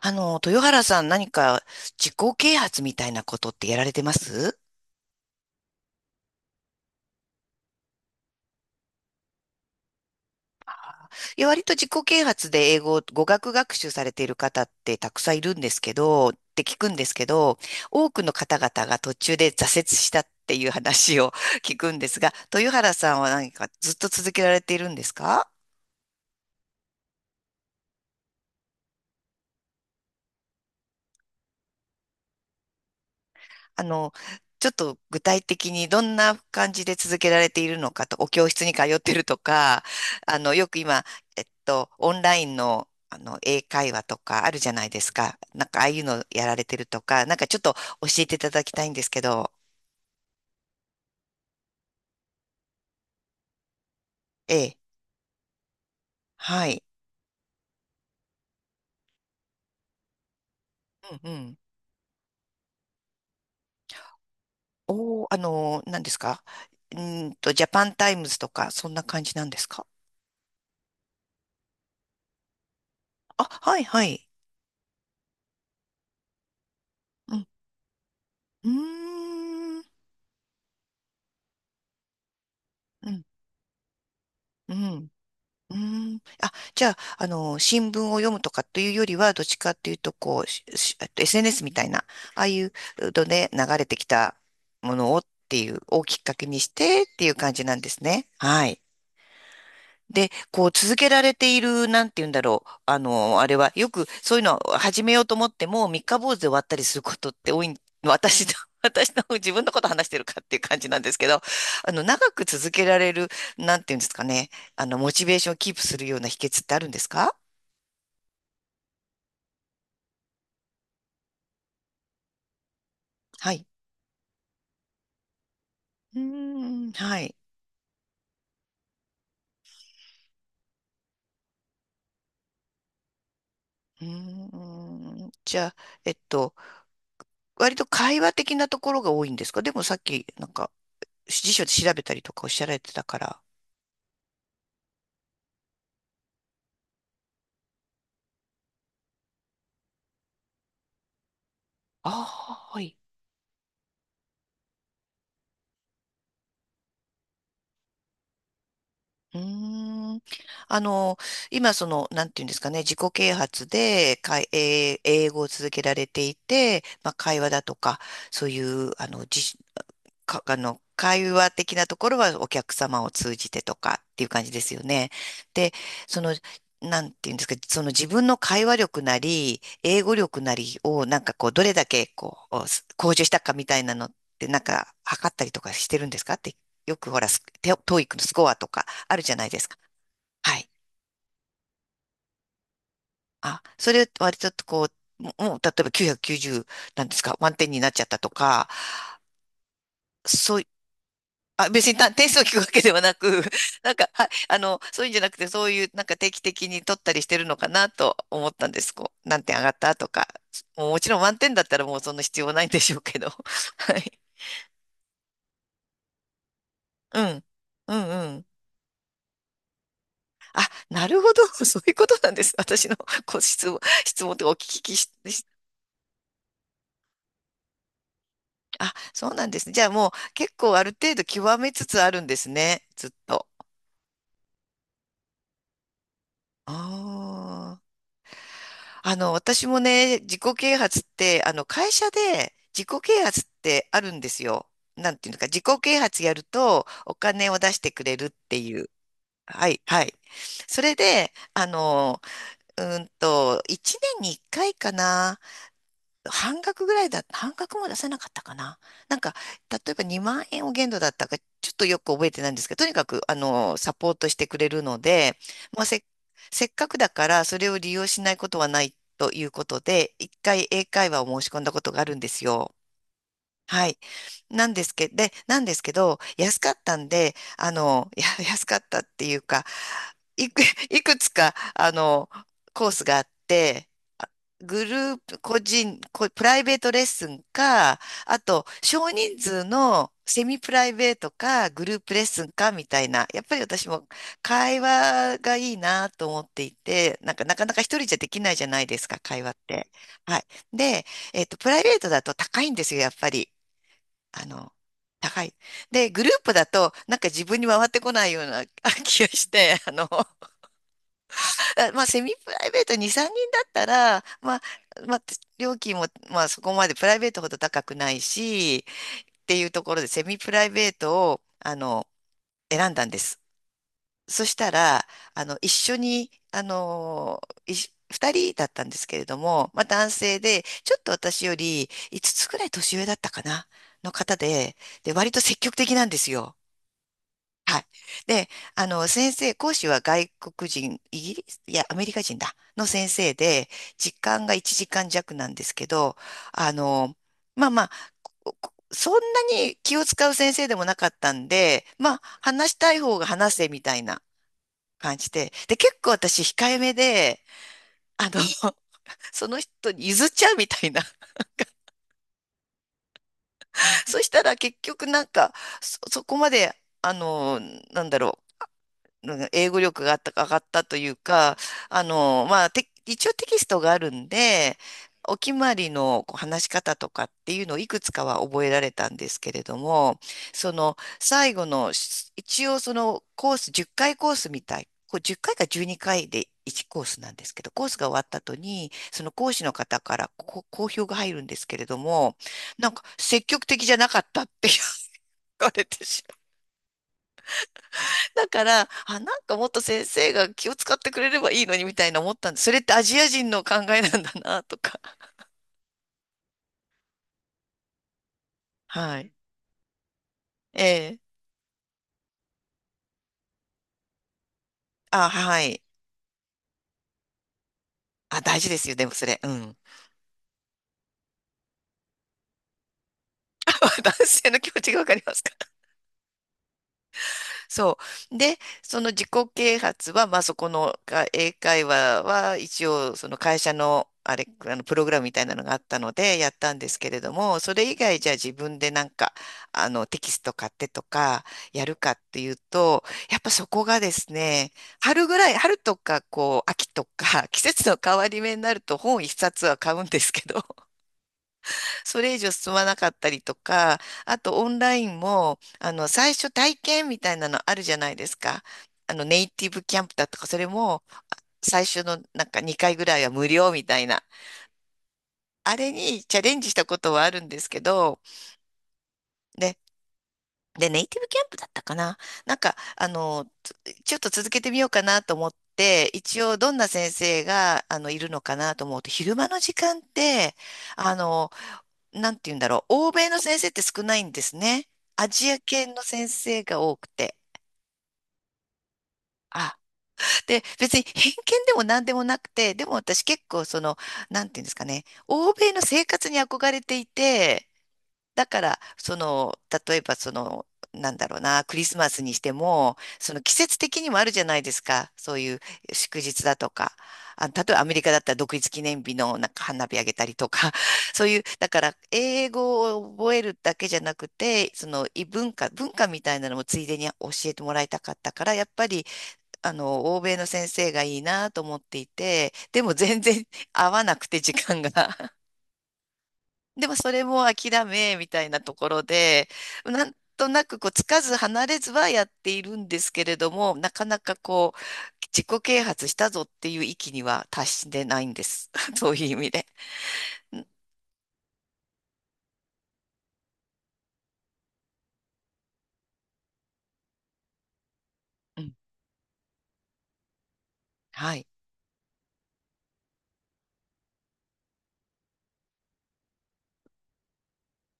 豊原さん、何か自己啓発みたいなことってやられてます？いや、割と自己啓発で英語、語学学習されている方ってたくさんいるんですけど、って聞くんですけど、多くの方々が途中で挫折したっていう話を 聞くんですが、豊原さんは何かずっと続けられているんですか？あの、ちょっと具体的にどんな感じで続けられているのかと、お教室に通ってるとか、よく今、オンラインの、英会話とかあるじゃないですか。なんか、ああいうのやられてるとか、なんかちょっと教えていただきたいんですけど、ええ、はい。うんうん。おー、何ですか？ジャパンタイムズとか、そんな感じなんですか？あ、はいはい。うん。うーん。うん。うん。うーん。あ、じゃあ、新聞を読むとかというよりは、どっちかっていうと、こう、ししえっと SNS みたいな、ああいうので流れてきたものをっていう、をきっかけにしてっていう感じなんですね。はい。で、こう続けられている、なんて言うんだろう。あれは、よくそういうのを始めようと思っても、三日坊主で終わったりすることって多いん、私の、私の自分のこと話してるかっていう感じなんですけど、長く続けられる、なんて言うんですかね。モチベーションをキープするような秘訣ってあるんですか？はい。うーん、はい。うーん、じゃあ、えっと、割と会話的なところが多いんですか？でもさっき、なんか、辞書で調べたりとかおっしゃられてたから。ああ、はい。うーん。あの、今その、なんていうんですかね、自己啓発で、かい、えー英語を続けられていて、まあ、会話だとか、そういう、自か、あの、会話的なところはお客様を通じてとかっていう感じですよね。で、その、なんていうんですか、その自分の会話力なり、英語力なりをなんかこう、どれだけこう、向上したかみたいなのってなんか測ったりとかしてるんですかって、よくほら、ステトーイックのスコアとかあるじゃないですか。はい。あ、それ割とこう、もう例えば990なんですか？満点になっちゃったとか、そう、あ、別に点数を聞くわけではなく、なんか、は、あの、そういうんじゃなくて、そういう、なんか定期的に取ったりしてるのかなと思ったんです。こう、何点上がったとか。もうもちろん満点だったらもうそんな必要ないんでしょうけど。はい。うん。うんうん。なるほど。そういうことなんです。私のこう質問とかお聞きしあ、そうなんですね。じゃあもう結構ある程度極めつつあるんですね。ずっと。ああ。私もね、自己啓発って、会社で自己啓発ってあるんですよ。なんていうのか、自己啓発やるとお金を出してくれるっていう。はい、はい。それで、1年に1回かいかな、半額ぐらいだ、半額も出せなかったかな。なんか、例えば2万円を限度だったか、ちょっとよく覚えてないんですけど、とにかく、サポートしてくれるので、まあ、せっかくだから、それを利用しないことはないということで、一回英会話を申し込んだことがあるんですよ。はい。なんですけど、安かったんで、安かったっていうか、いく、いくつか、コースがあって、あグループ、個人、プライベートレッスンか、あと、少人数のセミプライベートか、グループレッスンか、みたいな。やっぱり私も会話がいいなと思っていて、なんか、なかなか一人じゃできないじゃないですか、会話って。はい。で、プライベートだと高いんですよ、やっぱり。あの、高い。で、グループだと、なんか自分に回ってこないようなあ 気がして、まあ、セミプライベート2、3人だったら、まあ、まあ、料金も、まあ、そこまでプライベートほど高くないし、っていうところで、セミプライベートを、選んだんです。そしたら、一緒に、二人だったんですけれども、まあ、男性で、ちょっと私より5つつくらい年上だったかな、の方で、で、割と積極的なんですよ。はい。で、先生、講師は外国人、イギリス、いや、アメリカ人だ、の先生で、時間が1時間弱なんですけど、あの、まあまあ、そんなに気を使う先生でもなかったんで、まあ、話したい方が話せみたいな感じで、で、結構私、控えめで、あの、その人に譲っちゃうみたいな。そしたら結局なんか、そこまで、あの、なんだろう、うん英語力が上がったというか、まあ、一応テキストがあるんで、お決まりのこう話し方とかっていうのをいくつかは覚えられたんですけれども、その最後の一応そのコース、10回コースみたい、こう10回か12回で1コースなんですけど、コースが終わった後に、その講師の方から好評が入るんですけれども、なんか積極的じゃなかったって言われてだから、あ、なんかもっと先生が気を使ってくれればいいのにみたいな思ったんです。それってアジア人の考えなんだな、とか。はい。ええ、あ、はい。あ、大事ですよ、でもそれ。うん。男性の気持ちがわかります？そう。で、その自己啓発は、まあそこの英会話は一応その会社のあれ、プログラムみたいなのがあったのでやったんですけれども、それ以外じゃあ自分でなんか、あのテキスト買ってとかやるかっていうと、やっぱそこがですね、春ぐらい、春とかこう、秋とか、季節の変わり目になると本一冊は買うんですけど、それ以上進まなかったりとか、あとオンラインも、最初体験みたいなのあるじゃないですか。ネイティブキャンプだとか、それも最初のなんか2回ぐらいは無料みたいな。あれにチャレンジしたことはあるんですけど、で、で、ネイティブキャンプだったかな。なんか、ちょっと続けてみようかなと思って、一応どんな先生が、いるのかなと思うと、昼間の時間って、あの、なんて言うんだろう。欧米の先生って少ないんですね。アジア系の先生が多くて。あ、で、別に偏見でも何でもなくて、でも私結構その、なんていうんですかね。欧米の生活に憧れていて、だから、その、例えばその、なんだろうな、クリスマスにしても、その季節的にもあるじゃないですか。そういう祝日だとか。あ、例えばアメリカだったら独立記念日のなんか花火あげたりとか、そういう、だから英語を覚えるだけじゃなくて、その異文化、文化みたいなのもついでに教えてもらいたかったから、やっぱり、欧米の先生がいいなと思っていて、でも全然合わなくて時間が。でもそれも諦め、みたいなところで、なんとなくこう、つかず離れずはやっているんですけれども、なかなかこう、自己啓発したぞっていう域には達してないんです。そういう意味で。うんうん、はい。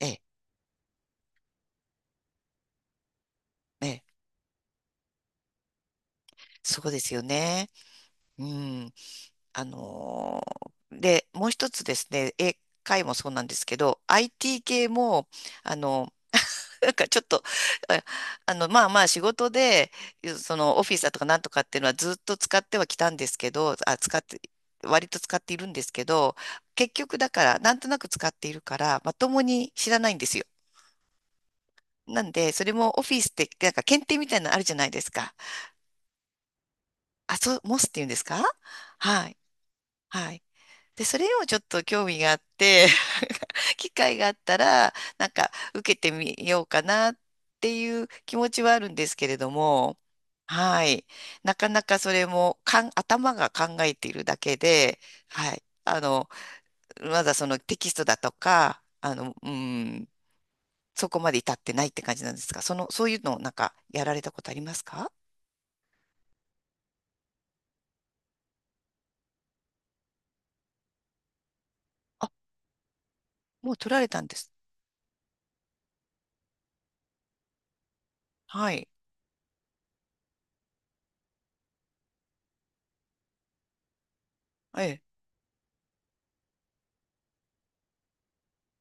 ええ、ええ、そうですよね。うん。あので、もう一つですね、英会もそうなんですけど、IT 系も、あの、なんかちょっと、あまあまあ仕事で、そのオフィスだとかなんとかっていうのはずっと使ってはきたんですけど、あ、使って、割と使っているんですけど、結局だから、なんとなく使っているから、まともに知らないんですよ。なんで、それもオフィスって、なんか検定みたいなのあるじゃないですか。あ、そう、モスっていうんですか？はい。はい。で、それをちょっと興味があって、機会があったら、なんか受けてみようかなっていう気持ちはあるんですけれども、はい。なかなかそれも頭が考えているだけで、はい。まだそのテキストだとか、そこまで至ってないって感じなんですが、その、そういうのをなんかやられたことありますか？あ、もう取られたんです？はい。ええ。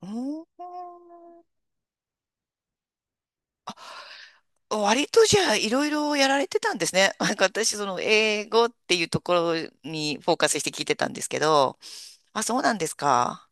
うーん。割とじゃあいろいろやられてたんですね。なんか私、その英語っていうところにフォーカスして聞いてたんですけど、あ、そうなんですか。